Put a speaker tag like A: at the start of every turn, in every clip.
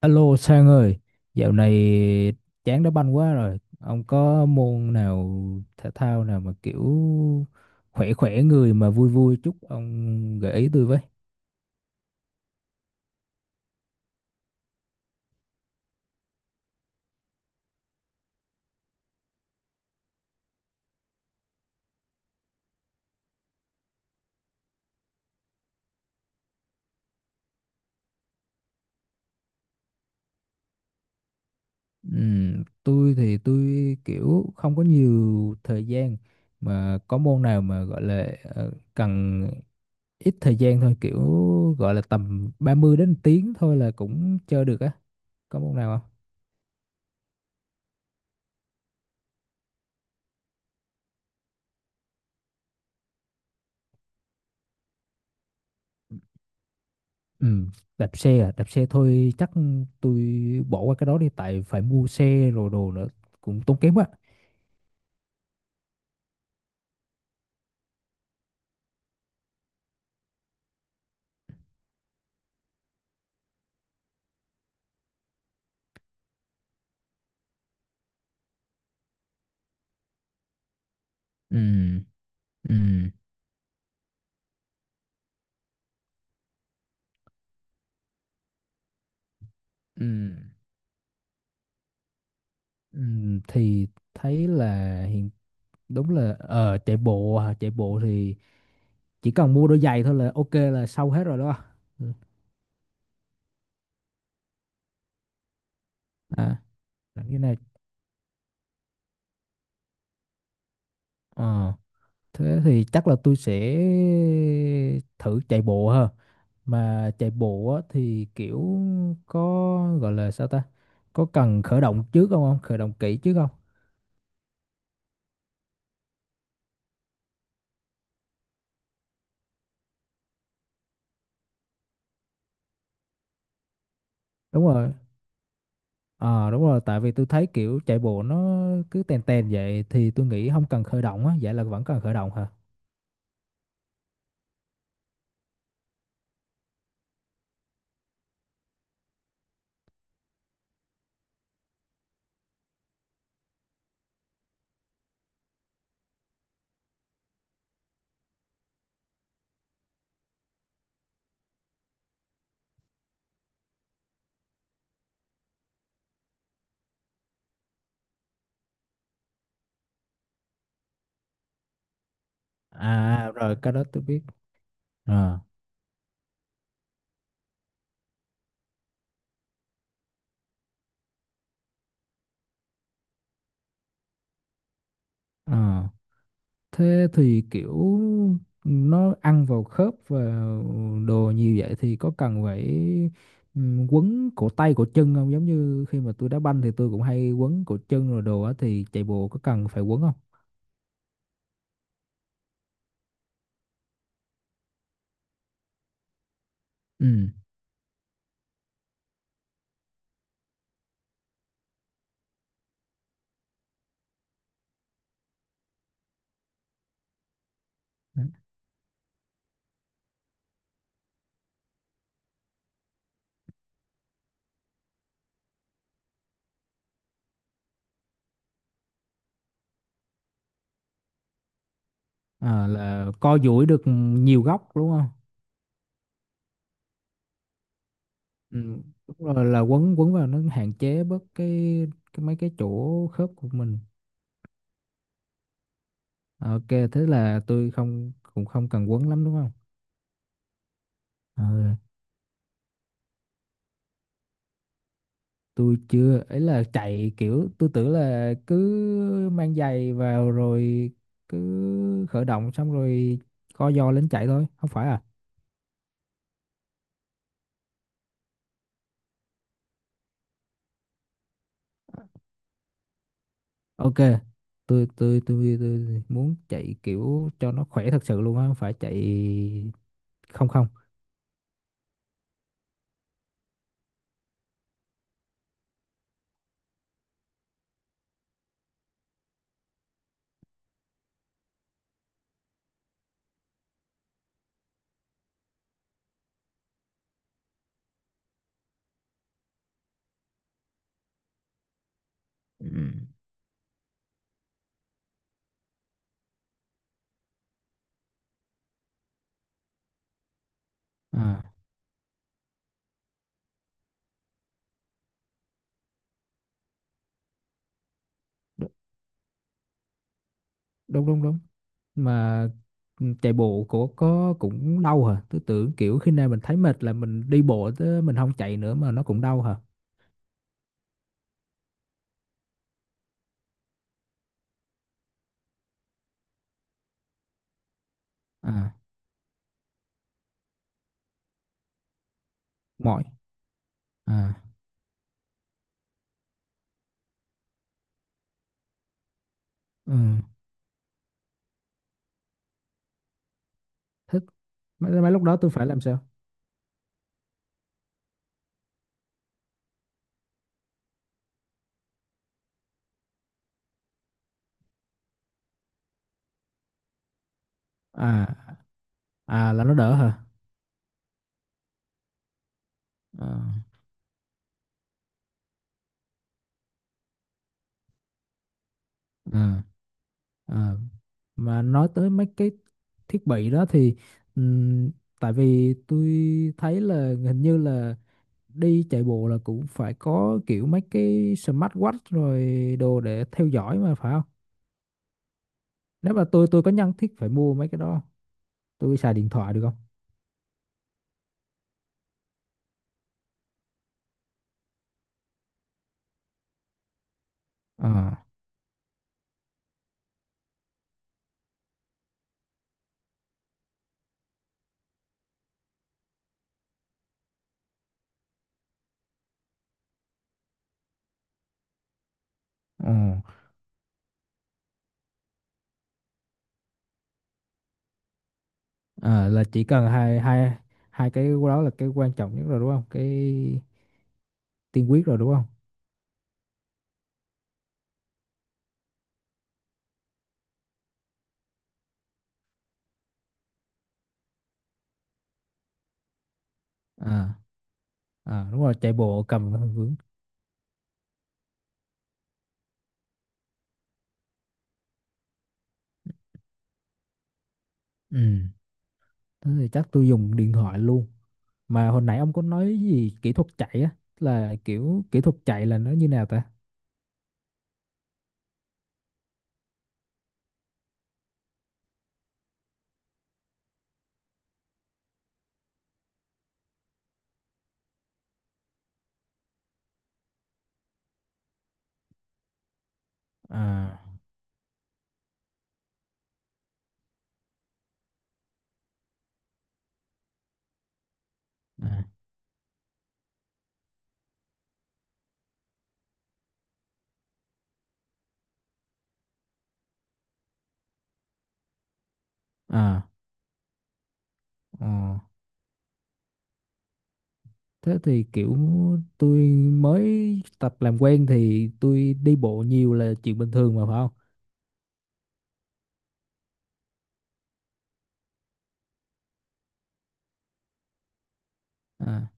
A: Alo Sang ơi, dạo này chán đá banh quá rồi. Ông có môn nào thể thao nào mà kiểu khỏe khỏe người mà vui vui chút ông gợi ý tôi với. Tôi thì tôi kiểu không có nhiều thời gian, mà có môn nào mà gọi là cần ít thời gian thôi, kiểu gọi là tầm 30 đến tiếng thôi là cũng chơi được á. Có môn nào không? Ừ, đạp xe à, đạp xe thôi chắc tôi bỏ qua cái đó đi, tại phải mua xe rồi đồ nữa cũng tốn kém quá. Ừ, ừ. Ừ, ừ, thì thấy là hiện đúng là chạy bộ à, chạy bộ thì chỉ cần mua đôi giày thôi là ok là xong hết rồi đó. Ừ, à, làm cái này. Ờ. Thế thì chắc là tôi sẽ thử chạy bộ ha. Mà chạy bộ á, thì kiểu có gọi là sao ta? Có cần khởi động trước không không? Khởi động kỹ trước không? Đúng rồi. À đúng rồi, tại vì tôi thấy kiểu chạy bộ nó cứ tèn tèn vậy thì tôi nghĩ không cần khởi động á, vậy là vẫn cần khởi động hả? À rồi, cái đó tôi biết. À. À. Thế thì kiểu nó ăn vào khớp và đồ nhiều vậy thì có cần phải quấn cổ tay cổ chân không? Giống như khi mà tôi đá banh thì tôi cũng hay quấn cổ chân rồi đồ á, thì chạy bộ có cần phải quấn không? Ừ. Đấy. À, là co duỗi được nhiều góc đúng không? Ừ. Đúng rồi, là quấn quấn vào nó hạn chế bớt cái mấy cái chỗ khớp của mình. Ok thế là tôi không cũng không cần quấn lắm đúng không? Ừ. Tôi chưa ấy, là chạy kiểu tôi tưởng là cứ mang giày vào rồi cứ khởi động xong rồi co giò lên chạy thôi, không phải à. Ok, tôi muốn chạy kiểu cho nó khỏe thật sự luôn á, không phải chạy. Không, không. Ừ. À, đ- đúng đúng đúng. Mà ừ, chạy bộ của có cũng đau hả? Tôi tưởng kiểu khi nào mình thấy mệt là mình đi bộ chứ mình không chạy nữa, mà nó cũng đau hả? À, mỏi. À. Ừ. Thích. Mấy lúc đó tôi phải làm sao? À, à, là nó đỡ hả? Ờ, ờ, ờ, mà nói tới mấy cái thiết bị đó thì ừm, tại vì tôi thấy là hình như là đi chạy bộ là cũng phải có kiểu mấy cái smartwatch rồi đồ để theo dõi mà phải không? Nếu mà tôi có nhất thiết phải mua mấy cái đó không? Tôi xài điện thoại được không? Ờ. Ờ. Ờ, là chỉ cần hai hai hai cái đó là cái quan trọng nhất rồi đúng không, cái tiên quyết rồi đúng không? À, à đúng rồi, chạy bộ cầm cái hơi vướng. Ừ, thế thì chắc tôi dùng điện thoại luôn. Mà hồi nãy ông có nói gì kỹ thuật chạy á, là kiểu kỹ thuật chạy là nó như nào ta? À. À. À. Ờ. Thế thì kiểu tôi mới tập làm quen thì tôi đi bộ nhiều là chuyện bình thường mà phải không? À.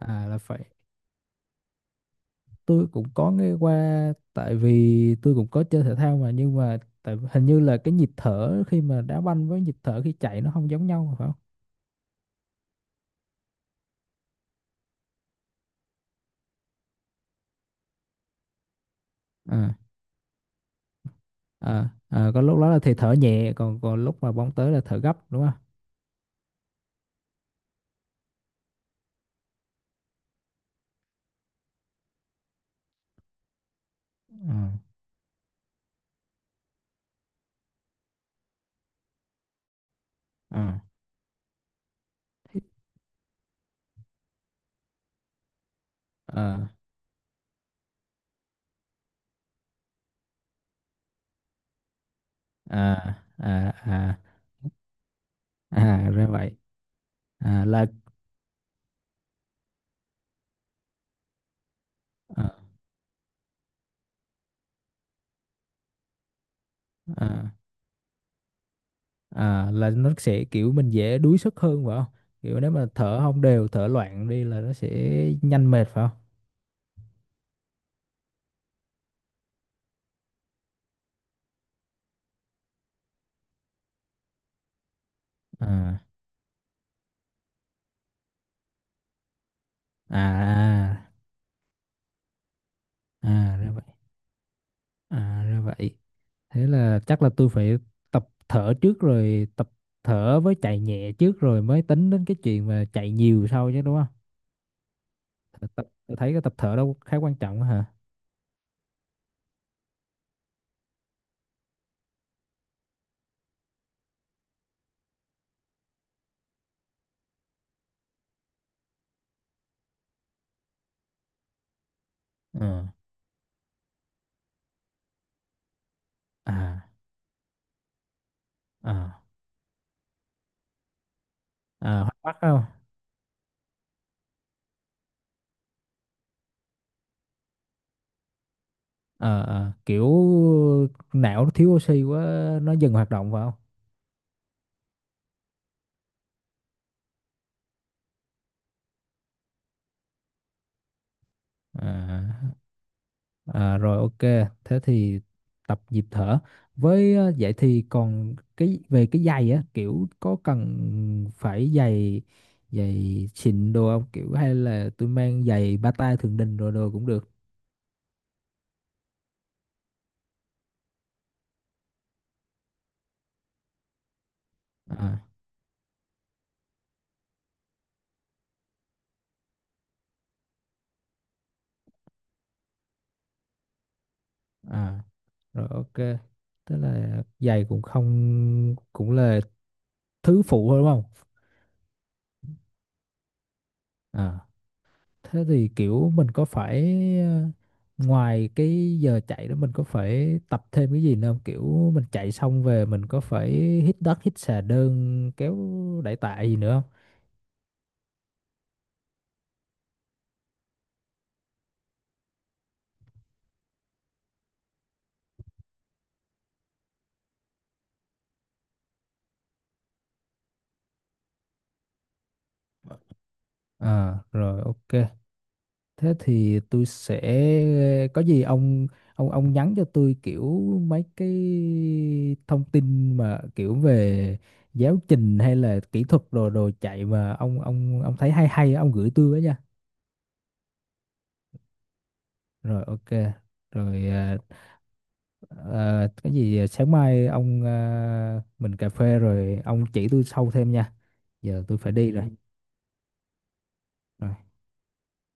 A: À, là phải, tôi cũng có nghe qua, tại vì tôi cũng có chơi thể thao mà, nhưng mà tại hình như là cái nhịp thở khi mà đá banh với nhịp thở khi chạy nó không giống nhau mà phải không? À, à, à, có lúc đó là thì thở nhẹ, còn còn lúc mà bóng tới là thở gấp đúng không? À. Ừ. Ờ. À, à, à, à, ra vậy. À, là à, à, à, là nó sẽ kiểu mình dễ đuối sức hơn phải không? Kiểu nếu mà thở không đều, thở loạn đi là nó sẽ nhanh mệt phải không? À. À, à. À ra vậy. À ra vậy. Thế là chắc là tôi phải tập thở trước, rồi tập thở với chạy nhẹ trước rồi mới tính đến cái chuyện mà chạy nhiều sau chứ đúng không? Tôi thấy cái tập thở đó khá quan trọng á hả? Ờ. À, à, à, hoạt bát không? Ờ, ờ, kiểu não nó thiếu oxy quá nó dừng hoạt động phải không? À. À, rồi ok, thế thì tập nhịp thở. Với vậy thì còn cái về cái giày á, kiểu có cần phải giày giày xịn đồ không? Kiểu hay là tôi mang giày bata Thượng Đình rồi đồ cũng được. À. À, rồi ok. Tức là giày cũng không, cũng là thứ phụ thôi đúng không? À. Thế thì kiểu mình có phải ngoài cái giờ chạy đó mình có phải tập thêm cái gì nữa không? Kiểu mình chạy xong về mình có phải hít đất, hít xà đơn, kéo đẩy tạ gì nữa không? À, rồi ok. Thế thì tôi sẽ có gì ông nhắn cho tôi kiểu mấy cái thông tin mà kiểu về giáo trình hay là kỹ thuật đồ đồ chạy mà ông thấy hay hay á, ông gửi tôi với nha. Rồi ok. Rồi à, à, cái gì à, sáng mai ông à, mình cà phê rồi ông chỉ tôi sâu thêm nha, giờ tôi phải đi rồi. Rồi.